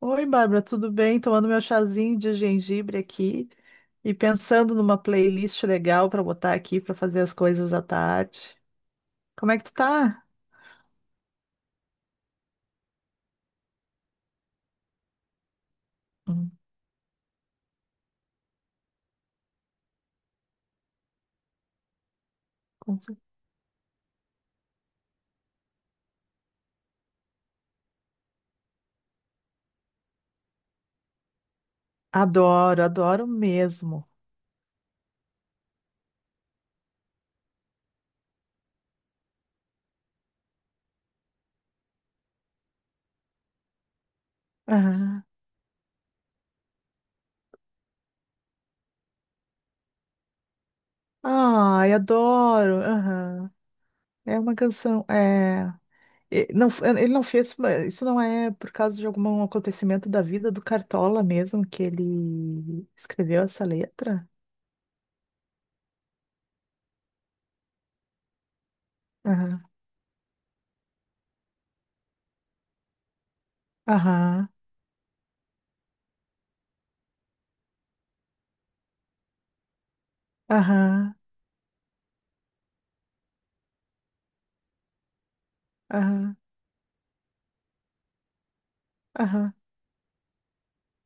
Oi, Bárbara, tudo bem? Tomando meu chazinho de gengibre aqui e pensando numa playlist legal para botar aqui para fazer as coisas à tarde. Como é que tu tá? Hum. com cer- Adoro, adoro mesmo. Aham. Ai, adoro. Aham. É uma canção. Não, ele não fez. Isso não é por causa de algum acontecimento da vida do Cartola mesmo que ele escreveu essa letra? Aham, aham, aham, aham, aham.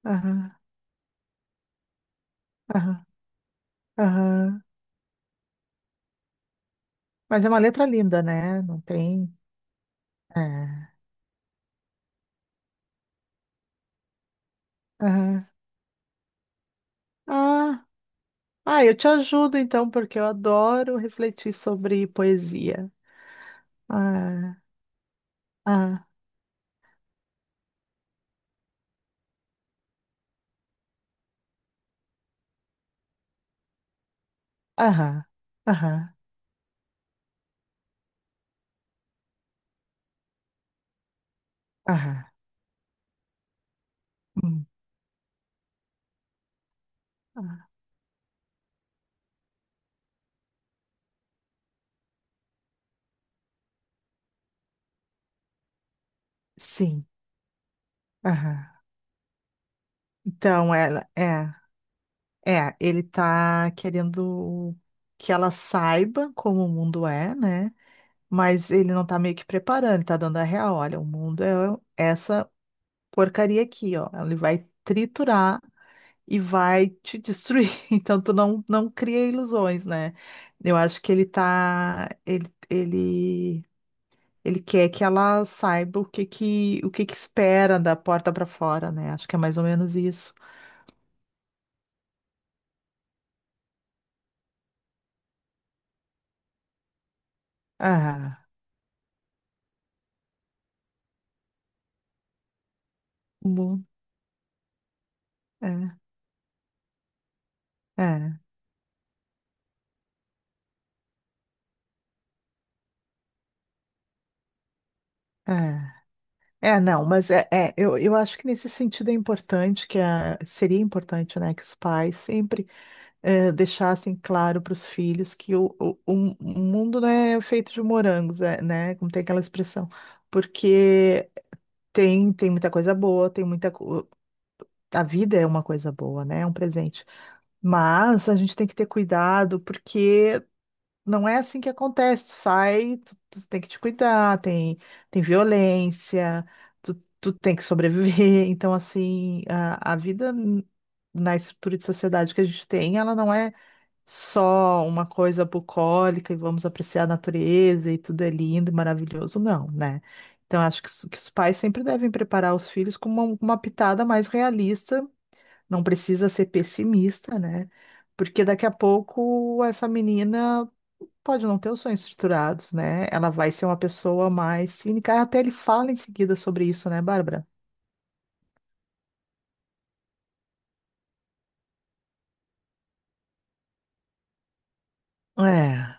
Aham, aham, aham. Mas é uma letra linda, né? Não tem. É. Aham. Ah, ah, eu te ajudo então, porque eu adoro refletir sobre poesia. Ah, ah, aham, aham, aham. Hum, ah, sim, aham. Então, ela é, ele tá querendo que ela saiba como o mundo é, né? Mas ele não tá meio que preparando, ele tá dando a real. Olha, o mundo é essa porcaria aqui, ó. Ele vai triturar e vai te destruir. Então tu não, não cria ilusões, né? Eu acho que ele tá, ele quer que ela saiba o que que espera da porta para fora, né? Acho que é mais ou menos isso. Ah, bom, é, é, é. É, não, mas é, eu, acho que nesse sentido é importante seria importante, né, que os pais sempre deixassem claro para os filhos que o mundo não é feito de morangos, é, né? Como tem aquela expressão. Porque tem, muita coisa boa, tem muita. A vida é uma coisa boa, né? É um presente. Mas a gente tem que ter cuidado, porque não é assim que acontece. Tu sai, tu, tem que te cuidar, tem, violência, tu, tem que sobreviver. Então, assim, a, vida. Na estrutura de sociedade que a gente tem, ela não é só uma coisa bucólica e vamos apreciar a natureza e tudo é lindo e maravilhoso, não, né? Então, acho que os pais sempre devem preparar os filhos com uma, pitada mais realista, não precisa ser pessimista, né? Porque daqui a pouco essa menina pode não ter os sonhos estruturados, né? Ela vai ser uma pessoa mais cínica. Até ele fala em seguida sobre isso, né, Bárbara? É.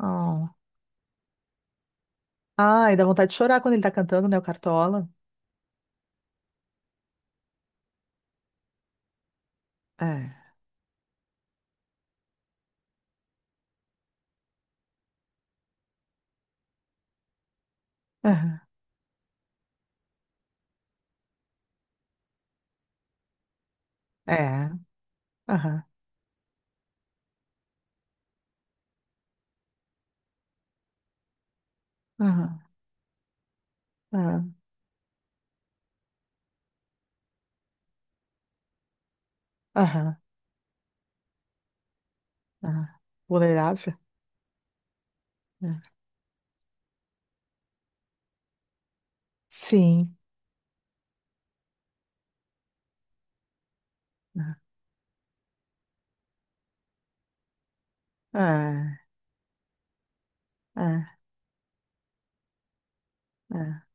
Oh. Ai, dá vontade de chorar quando ele tá cantando, né, o Cartola? É. Aham. É. Aham. Aham, aham, aham, aham. Vulnerável? Né? Sim. Ah, ah, ah.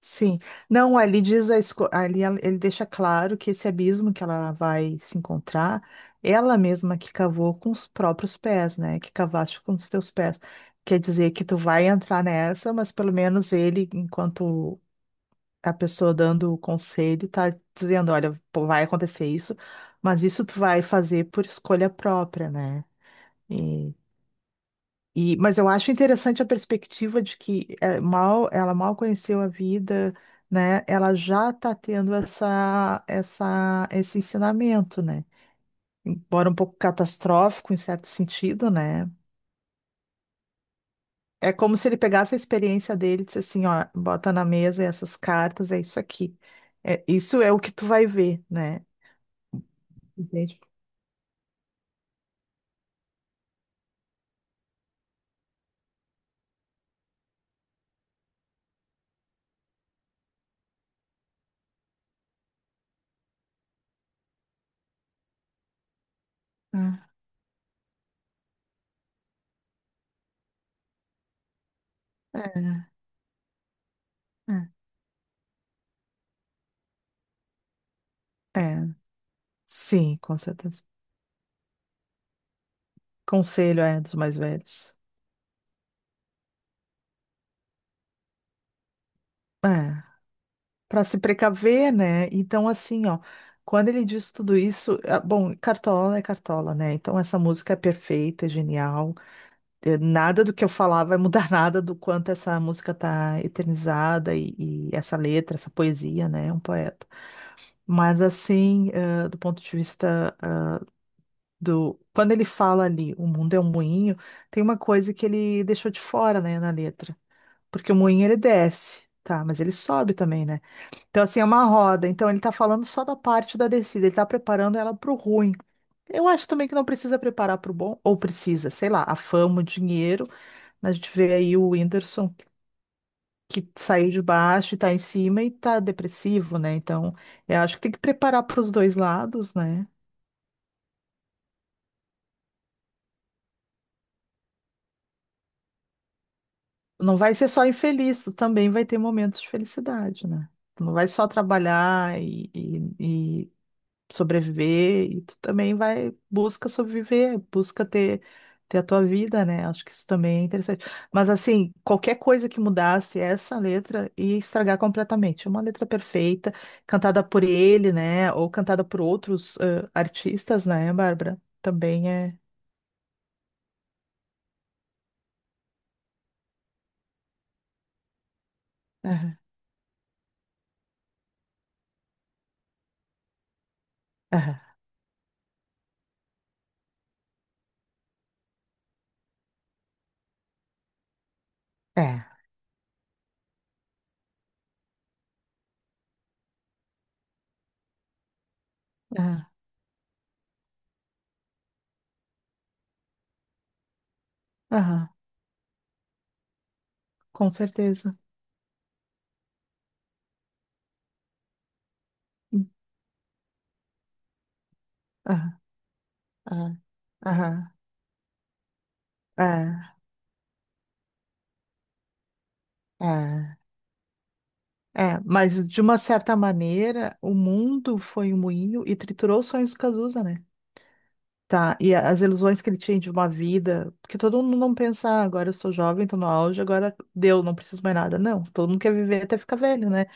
Sim. Não, ali diz a esco... ali ela- ele deixa claro que esse abismo que ela vai se encontrar, ela mesma que cavou com os próprios pés, né? Que cavaste com os teus pés. Quer dizer que tu vai entrar nessa, mas pelo menos ele, enquanto a pessoa dando o conselho, tá dizendo, olha, pô, vai acontecer isso, mas isso tu vai fazer por escolha própria, né? E, mas eu acho interessante a perspectiva de que mal, ela mal conheceu a vida, né? Ela já está tendo esse ensinamento, né? Embora um pouco catastrófico em certo sentido, né? É como se ele pegasse a experiência dele e disse assim, ó, bota na mesa essas cartas, é isso aqui. É, isso é o que tu vai ver, né? Entende? É, é, é. É. Sim, com certeza. Conselho é dos mais velhos. É. Para se precaver, né? Então, assim, ó, quando ele diz tudo isso, ah, bom, Cartola é Cartola, né? Então, essa música é perfeita, é genial. Nada do que eu falar vai mudar nada do quanto essa música tá eternizada e essa letra, essa poesia, né? É um poeta. Mas, assim, do ponto de vista do. Quando ele fala ali, o mundo é um moinho, tem uma coisa que ele deixou de fora, né, na letra. Porque o moinho ele desce, tá? Mas ele sobe também, né? Então, assim, é uma roda. Então, ele tá falando só da parte da descida, ele tá preparando ela pro ruim. Eu acho também que não precisa preparar pro bom, ou precisa, sei lá, a fama, o dinheiro. A gente vê aí o Whindersson que saiu de baixo e tá em cima e tá depressivo, né? Então, eu acho que tem que preparar pros dois lados, né? Não vai ser só infeliz, tu também vai ter momentos de felicidade, né? Tu não vai só trabalhar e sobreviver e tu também vai busca sobreviver, busca ter a tua vida, né? Acho que isso também é interessante. Mas assim, qualquer coisa que mudasse essa letra ia estragar completamente. É uma letra perfeita, cantada por ele, né? Ou cantada por outros artistas, né, Bárbara? Também é. Aham, aham, é. Aham, aham, com certeza. Aham, aham, aham, é, é. É, mas de uma certa maneira, o mundo foi um moinho e triturou os sonhos do Cazuza, né? Tá, e as ilusões que ele tinha de uma vida, porque todo mundo não pensa, "Ah, agora eu sou jovem, tô no auge, agora deu, não preciso mais nada. Não, todo mundo quer viver até ficar velho, né?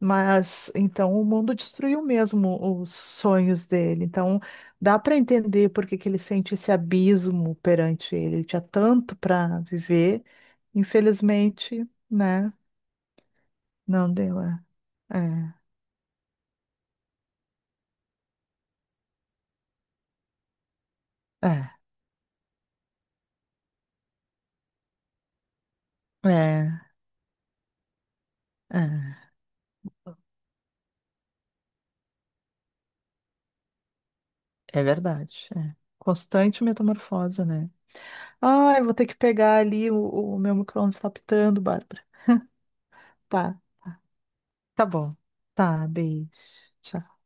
Mas então o mundo destruiu mesmo os sonhos dele. Então dá para entender por que que ele sente esse abismo perante ele. Ele tinha tanto para viver, infelizmente, né? Não deu, é. É. É. É, é, é verdade. É. Constante metamorfose, né? Ai, vou ter que pegar ali, o, meu micro-ondas tá pitando, Bárbara. Tá, tá, tá bom. Tá, beijo. Tchau.